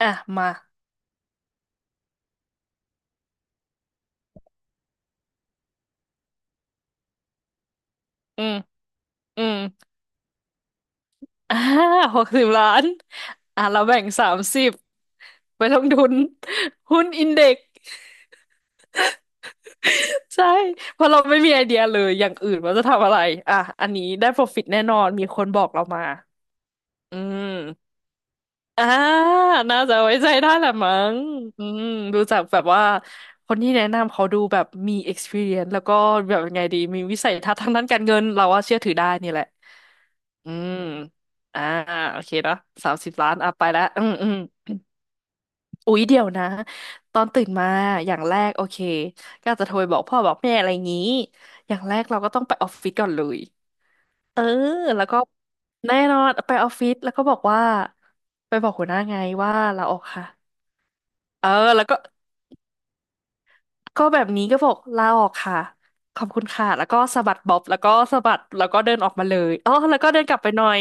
อ่ะมา อืมอืม อ่า60 ล้าน อ่ะเราแบ่ง30ไปลงทุนหุ้นอินเด็กซ์ ใช่เพราะเราไม่มีไอเดียเลยอย่างอื่นว่าจะทำอะไรอ่ะอันนี้ได้ profit แน่นอนมีคนบอกเรามาอืม อ่าน่าจะไว้ใจได้แหละมั้งอืมดูจากแบบว่าคนที่แนะนำเขาดูแบบมี experience แล้วก็แบบยังไงดีมีวิสัยทัศน์ทางด้านการเงินเราว่าเชื่อถือได้นี่แหละอืมอ่าโอเคเนาะ30 ล้านอ่ะไปแล้วอืมอืม อุ๊ยเดี๋ยวนะตอนตื่นมาอย่างแรกโอเคก็อาจจะโทรไปบอกพ่อบอกแม่อะไรงี้อย่างแรกเราก็ต้องไปออฟฟิศก่อนเลย เออแล้วก็แน่นอนไปออฟฟิศแล้วก็บอกว่าไปบอกหัวหน้าไงว่าลาออกค่ะเออแล้วก็แบบนี้ก็บอกลาออกค่ะขอบคุณค่ะแล้วก็สะบัดบ๊อบแล้วก็สะบัดแล้วก็เดินออกมาเลยอ๋อแล้วก็เดินกลับไปหน่อย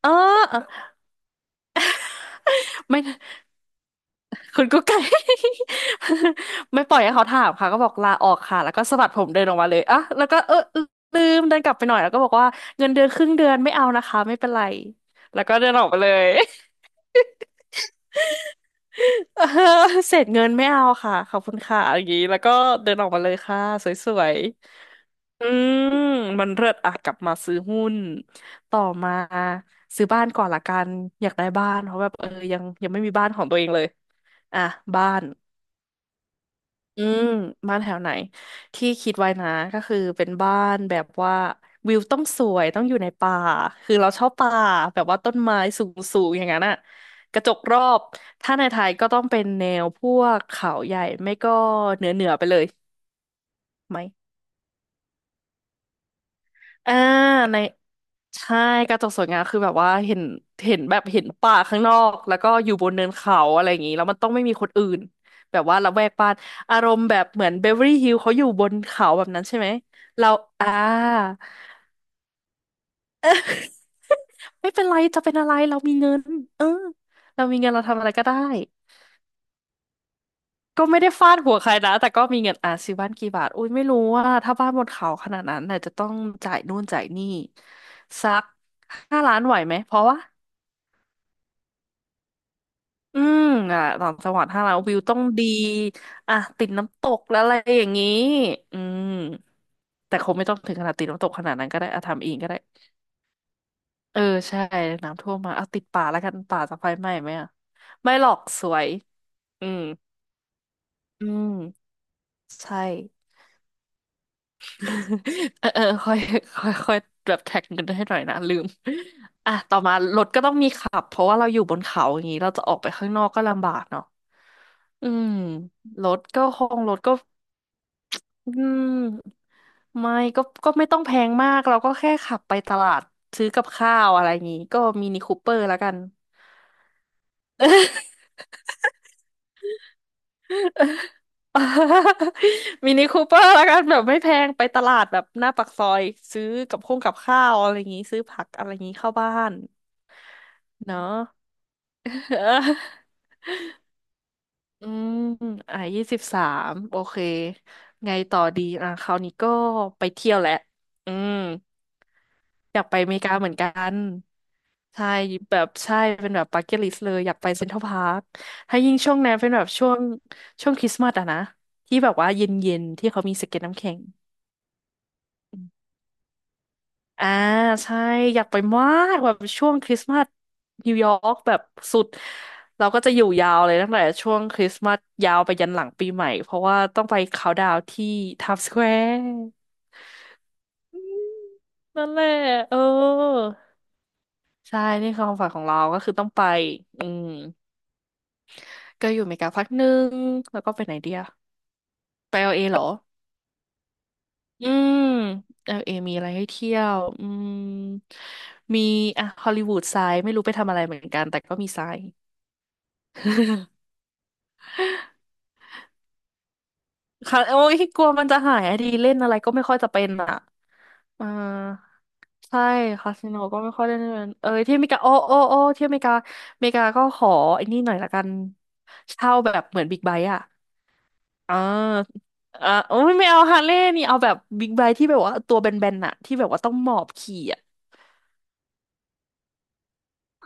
เออไม่คุณกุ๊กไก่ ไม่ปล่อยให้เขาถามค่ะก็บอกลาออกค่ะแล้วก็สะบัดผมเดินออกมาเลยอ่ะแล้วก็เออลืมเดินกลับไปหน่อยแล้วก็บอกว่าเงินเดือนครึ่งเดือนไม่เอานะคะไม่เป็นไรแล้วก็เดินออกไปเลย เออเศษเงินไม่เอาค่ะขอบคุณค่ะอย่างนี้แล้วก็เดินออกมาเลยค่ะสวยๆอืมมันเลิศอ่ะกลับมาซื้อหุ้นต่อมาซื้อบ้านก่อนละกันอยากได้บ้านเพราะแบบเออยังไม่มีบ้านของตัวเองเลยอ่ะบ้าน อืมบ้านแถวไหนที่คิดไว้นะก็คือเป็นบ้านแบบว่าวิวต้องสวยต้องอยู่ในป่าคือเราชอบป่าแบบว่าต้นไม้สูงๆอย่างนั้นอะกระจกรอบถ้าในไทยก็ต้องเป็นแนวพวกเขาใหญ่ไม่ก็เหนือไปเลยไหม อ่าในใช่กระจกสวยงามคือแบบว่าเห็นป่าข้างนอกแล้วก็อยู่บนเนินเขาอะไรอย่างนี้แล้วมันต้องไม่มีคนอื่นแบบว่าละแวกบ้านอารมณ์แบบเหมือนเบเวอรี่ฮิลเขาอยู่บนเขาแบบนั้นใช่ไหมเราอ่า ไม่เป็นไรจะเป็นอะไรเรามีเงินเออเรามีเงินเราทำอะไรก็ได้ก็ไม่ได้ฟาดหัวใครนะแต่ก็มีเงินอ่ะซื้อบ้านกี่บาทอุ้ยไม่รู้ว่าถ้าบ้านบนเขาขนาดนั้นน่ะจะต้องจ่ายนู่นจ่ายนี่สัก5 ล้านไหวไหมเพราะว่า อืมอ่ะต่างจังหวัดถ้าเราวิวต้องดีอ่ะติดน้ำตกแล้วอะไรอย่างนี้อืมแต่คงไม่ต้องถึงขนาดติดน้ำตกขนาดนั้นก็ได้อะทำเองก็ได้เออใช่น้ำท่วมมาเอาติดป่าแล้วกันป่าจะไฟไหม้ไหมอ่ะไม่หรอกสวยอืมอืมใช่ เออเออค่อยค่อยค่อยแบบแท็กเงินให้หน่อยนะลืมอ่ะต่อมารถก็ต้องมีขับเพราะว่าเราอยู่บนเขาอย่างนี้เราจะออกไปข้างนอกก็ลำบากเนาะอืมรถก็ อืมไม่ก็ไม่ต้องแพงมากเราก็แค่ขับไปตลาดซื้อกับข้าวอะไรอย่างงี้ก็มินิคูเปอร์แล้วกัน มินิคูเปอร์แล้วกันแบบไม่แพงไปตลาดแบบหน้าปากซอยซื้อกับข้าวอะไรอย่างงี้ซื้อผักอะไรอย่างงี้เข้าบ้านเนาะ เอออืมอ่ะ23โอเคไงต่อดีอ่ะคราวนี้ก็ไปเที่ยวแหละอืมอยากไปอเมริกาเหมือนกัน ใช่แบบใช่เป็นแบบ b u c เก t l ลิสเลยอยากไปเซ็นทรัลพาร์คถ้ายิ่งช่วงนั้นเป็นแบบช่วงคริสต์มาสอะนะที่แบบว่าเย็นๆที่เขามีสเก็ตน้ำแข็งอ่าใช่อยากไปมากแบบช่วงคริสต์มาสนิวยอร์กแบบสุดเราก็จะอยู่ยาวเลยตั้งแต่ช่วงคริสต์มาสยาวไปยันหลังปีใหม่เพราะว่าต้องไปเขาน์ดาวน์ที่ไทม์สแควร์นั่นแหละเออใช่นี่คือความฝันของเราก็คือต้องไปอืม ก็อยู่อเมริกาพักหนึ่งแล้วก็ไปไหนเดียไปเอลเอเหรออืมเอลเอมีอะไรให้เที่ยวอืมมีอ่ะฮอลลีวูดไซด์ไม่รู้ไปทำอะไรเหมือนกันแต่ก็มีไซด์ ค่ะโอ้ยกลัวมันจะหายอะดีเล่นอะไรก็ไม่ค่อยจะเป็นอ่ะอ่าใช่คาสิโนก็ไม่ค่อยได้เป็นเออที่อเมริกาโอ้โอ้โอ้ที่อเมริกาอเมริกาก็ขอไอ้นี่หน่อยละกันเช่าแบบเหมือนบิ๊กไบค์อะ อ่าอ่าโอ้ยไม่เอาฮาร์เลย์นี่เอาแบบบิ๊กไบค์ที่แบบว่าตัวแบนๆน่ะที่แบบว่าต้องหมอบขี่อ่ะ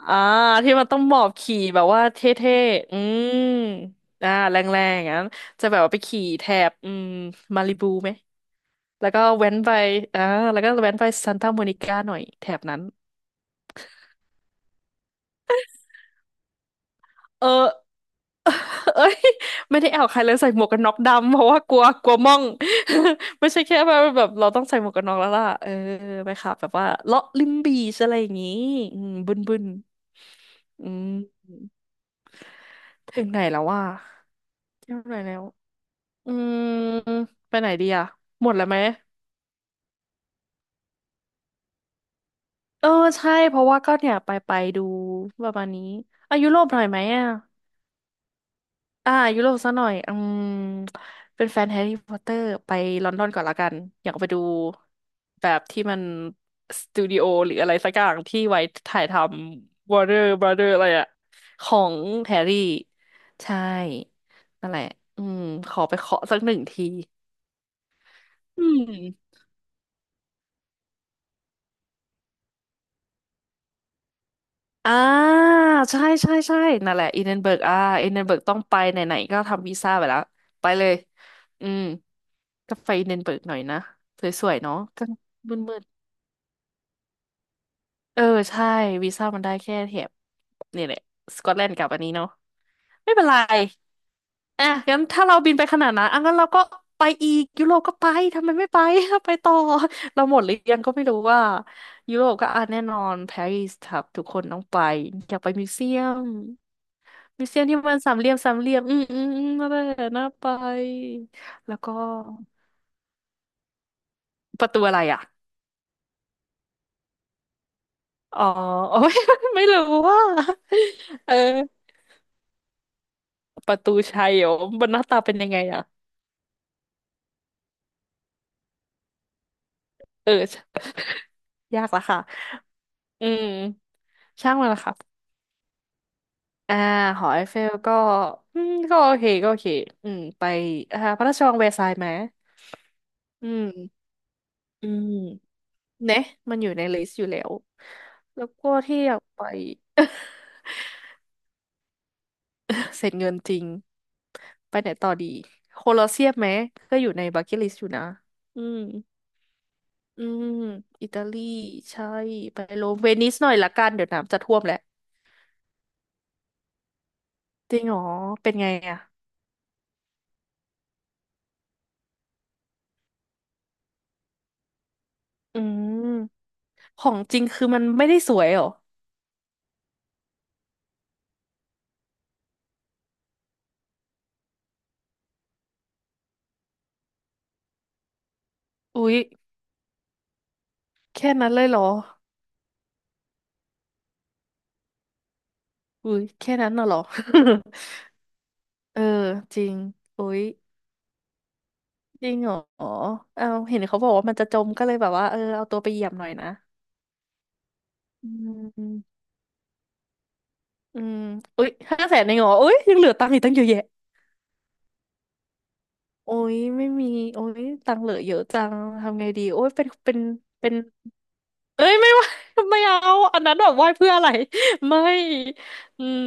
อ่าที่มันต้องหมอบขี่แบบว่าเท่ๆอ่าแรงๆอย่างนั้นจะแบบว่าไปขี่แถบมาริบูไหมแล้วก็แว้นไปอ่าแล้วก็แว้นไปซันตาโมนิก้าหน่อยแถบนั้นเออ เอ้ยไม่ได้แอวใครเลยใส่หมวกกันน็อกดำเพราะว่ากลัวกลัวม่อง ไม่ใช่แค่แบบเราต้องใส่หมวกกันน็อกแล้วล่ะเออไปขับแบบว่าเลาะริมบีชอะไรอย่างงี้อืมบึนบึนอืมถึงไหนแล้วว่าเที่ยวไหนแล้วอืมไปไหนดีอะหมดแล้วไหมเออใช่เพราะว่าก็เนี่ยไปดูประมาณนี้อายุโรปหน่อยไหมอะ อ่ายุโรปซะหน่อยอืมเป็นแฟนแฮร์รี่พอตเตอร์ไปลอนดอนก่อนละกันอยากไปดูแบบที่มันสตูดิโอหรืออะไรสักอย่างที่ไว้ถ่ายทำ Warner Brother อะไรอะของแฮร์รี่ใช่นั่นแหละอืมขอไปเคาะสัก1ทีอืมอ่าใช่ใช่ใช่นั่นแหละอินเดนเบิร์กอ่าอินเดนเบิร์กต้องไปไหนๆก็ทำวีซ่าไปแล้วไปเลยอืมก็ไปอินเดนเบิร์กหน่อยนะสวยๆเนาะก็มึนๆ เออใช่วีซ่ามันได้แค่แถบนี่แหละสกอตแลนด์กับอันนี้เนาะไม่เป็นไรอ่ะงั้นถ้าเราบินไปขนาดนั้นอ่ะงั้นเราก็ไปอีกยุโรปก็ไปทำไมไม่ไป ไปต่อเราหมดหรือยังก็ไม่รู้ว่ายุโรปก็อ่ะแน่นอนปารีสครับทุกคนต้องไปอยากไปมิวเซียมมิวเซียมที่มันสามเหลี่ยมสามเหลี่ยมอืมอืมอืมนั่นแหละน่าไปแล้วก็ประตูอะไรอ่ะอ๋อ โอ้ย ไม่รู้ว่าเออ ประตูชัยเหรอมันหน้าตาเป็นยังไงอะเออยากละค่ะอืมช่างมันละค่ะอ่าหอไอเฟลก็อืมก็โอเคก็โอเคอืมไปอ่าพระราชวังแวร์ซายน์ไหมอืมอืมเนะมันอยู่ในลิสต์อยู่แล้วแล้วก็ที่อยากไป เสร็จเงินจริงไปไหนต่อดีโคลอเซียมไหมก็อยู่ในบักเก็ตลิสต์อยู่นะอืมอืมอิตาลีใช่ไปโรมเวนิสหน่อยละกันเดี๋ยวน้ำจะท่วมแล้ว จริงเหรอเป็นไงอ่ะอืมของจริงคือมันไม่ได้สวยเหรออุ๊ยแค่นั้นเลยเหรออุ๊ยแค่นั้นน่ะเหรอ เออจริงอุ๊ยจริงเหรอเอาเห็นเขาบอกว่ามันจะจมก็เลยแบบว่าเออเอาตัวไปเหยียบหน่อยนะอืมอืมอุ๊ย500,000เองเหรออุ๊ยยังเหลือตังค์อีกตั้งเยอะแยะโอ้ยไม่มีโอ้ยตังค์เหลือเยอะจังทำไงดีโอ้ยเป็น เอ้ยไม่ไหว ไม่เอาอันนั้นแบบไหว้เพื่ออะไร ไม่อืม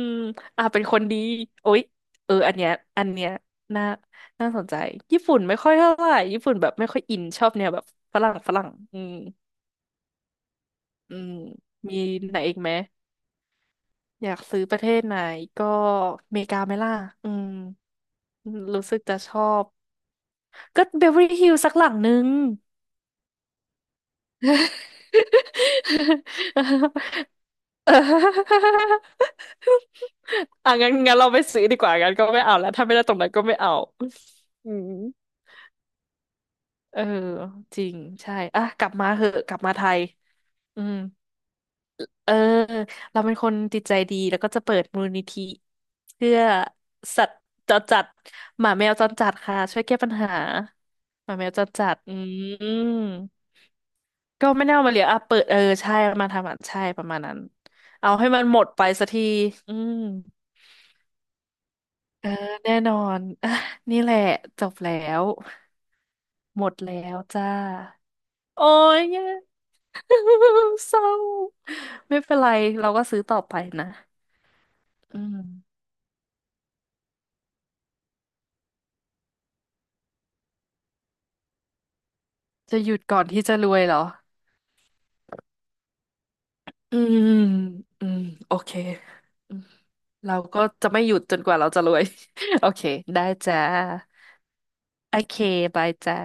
อ่าเป็นคนดีโอ๊ยเอออันเนี้ยอันเนี้ยน่าน่าสนใจญี่ปุ่นไม่ค่อยเท่าไหร่ญี่ปุ่นแบบไม่ค่อยอินชอบแนวแบบฝรั่งฝรั่งอืมอืมมีไหนอีกไหมอยากซื้อประเทศไหนก็อเมริกาไหมล่ะอืมรู้สึกจะชอบก็เบเวอร์ลี่ฮิลสักหลังนึง เอออ่ะงั้นเราไปซื้อดีกว่างั้นก็ไม่เอาแล้วถ้าไม่ได้ตรงนั้นก็ไม่เอาอืมเออจริงใช่อ่ะกลับมาเหอะกลับมาไทยอืมเออ เราเป็นคนจิตใจดีแล้วก็จะเปิดมูลนิธิเพื่อสัตว์จรจัดหมาแมวจรจัดค่ะช่วยแก้ปัญหาหมาแมวจรจัดอืมก็ไม่ได้เอามาเลี้ยงอ่ะเปิดเออใช่มาทำอ่ะใช่ประมาณนั้นเอาให้มันหมดไปสักทีอืม เออแน่นอน อ่ะนี่แหละจบแล้วหมดแล้วจ้าโอ้ย แย่ เศร้าไม่เป็นไรเราก็ซื้อต่อไปนะอืมจะหยุดก่อนที่จะรวยเหรออืมอืมโอเคอืมเราก็จะไม่หยุดจนกว่าเราจะรวย โอเคได้จ้าโอเคบายจ้า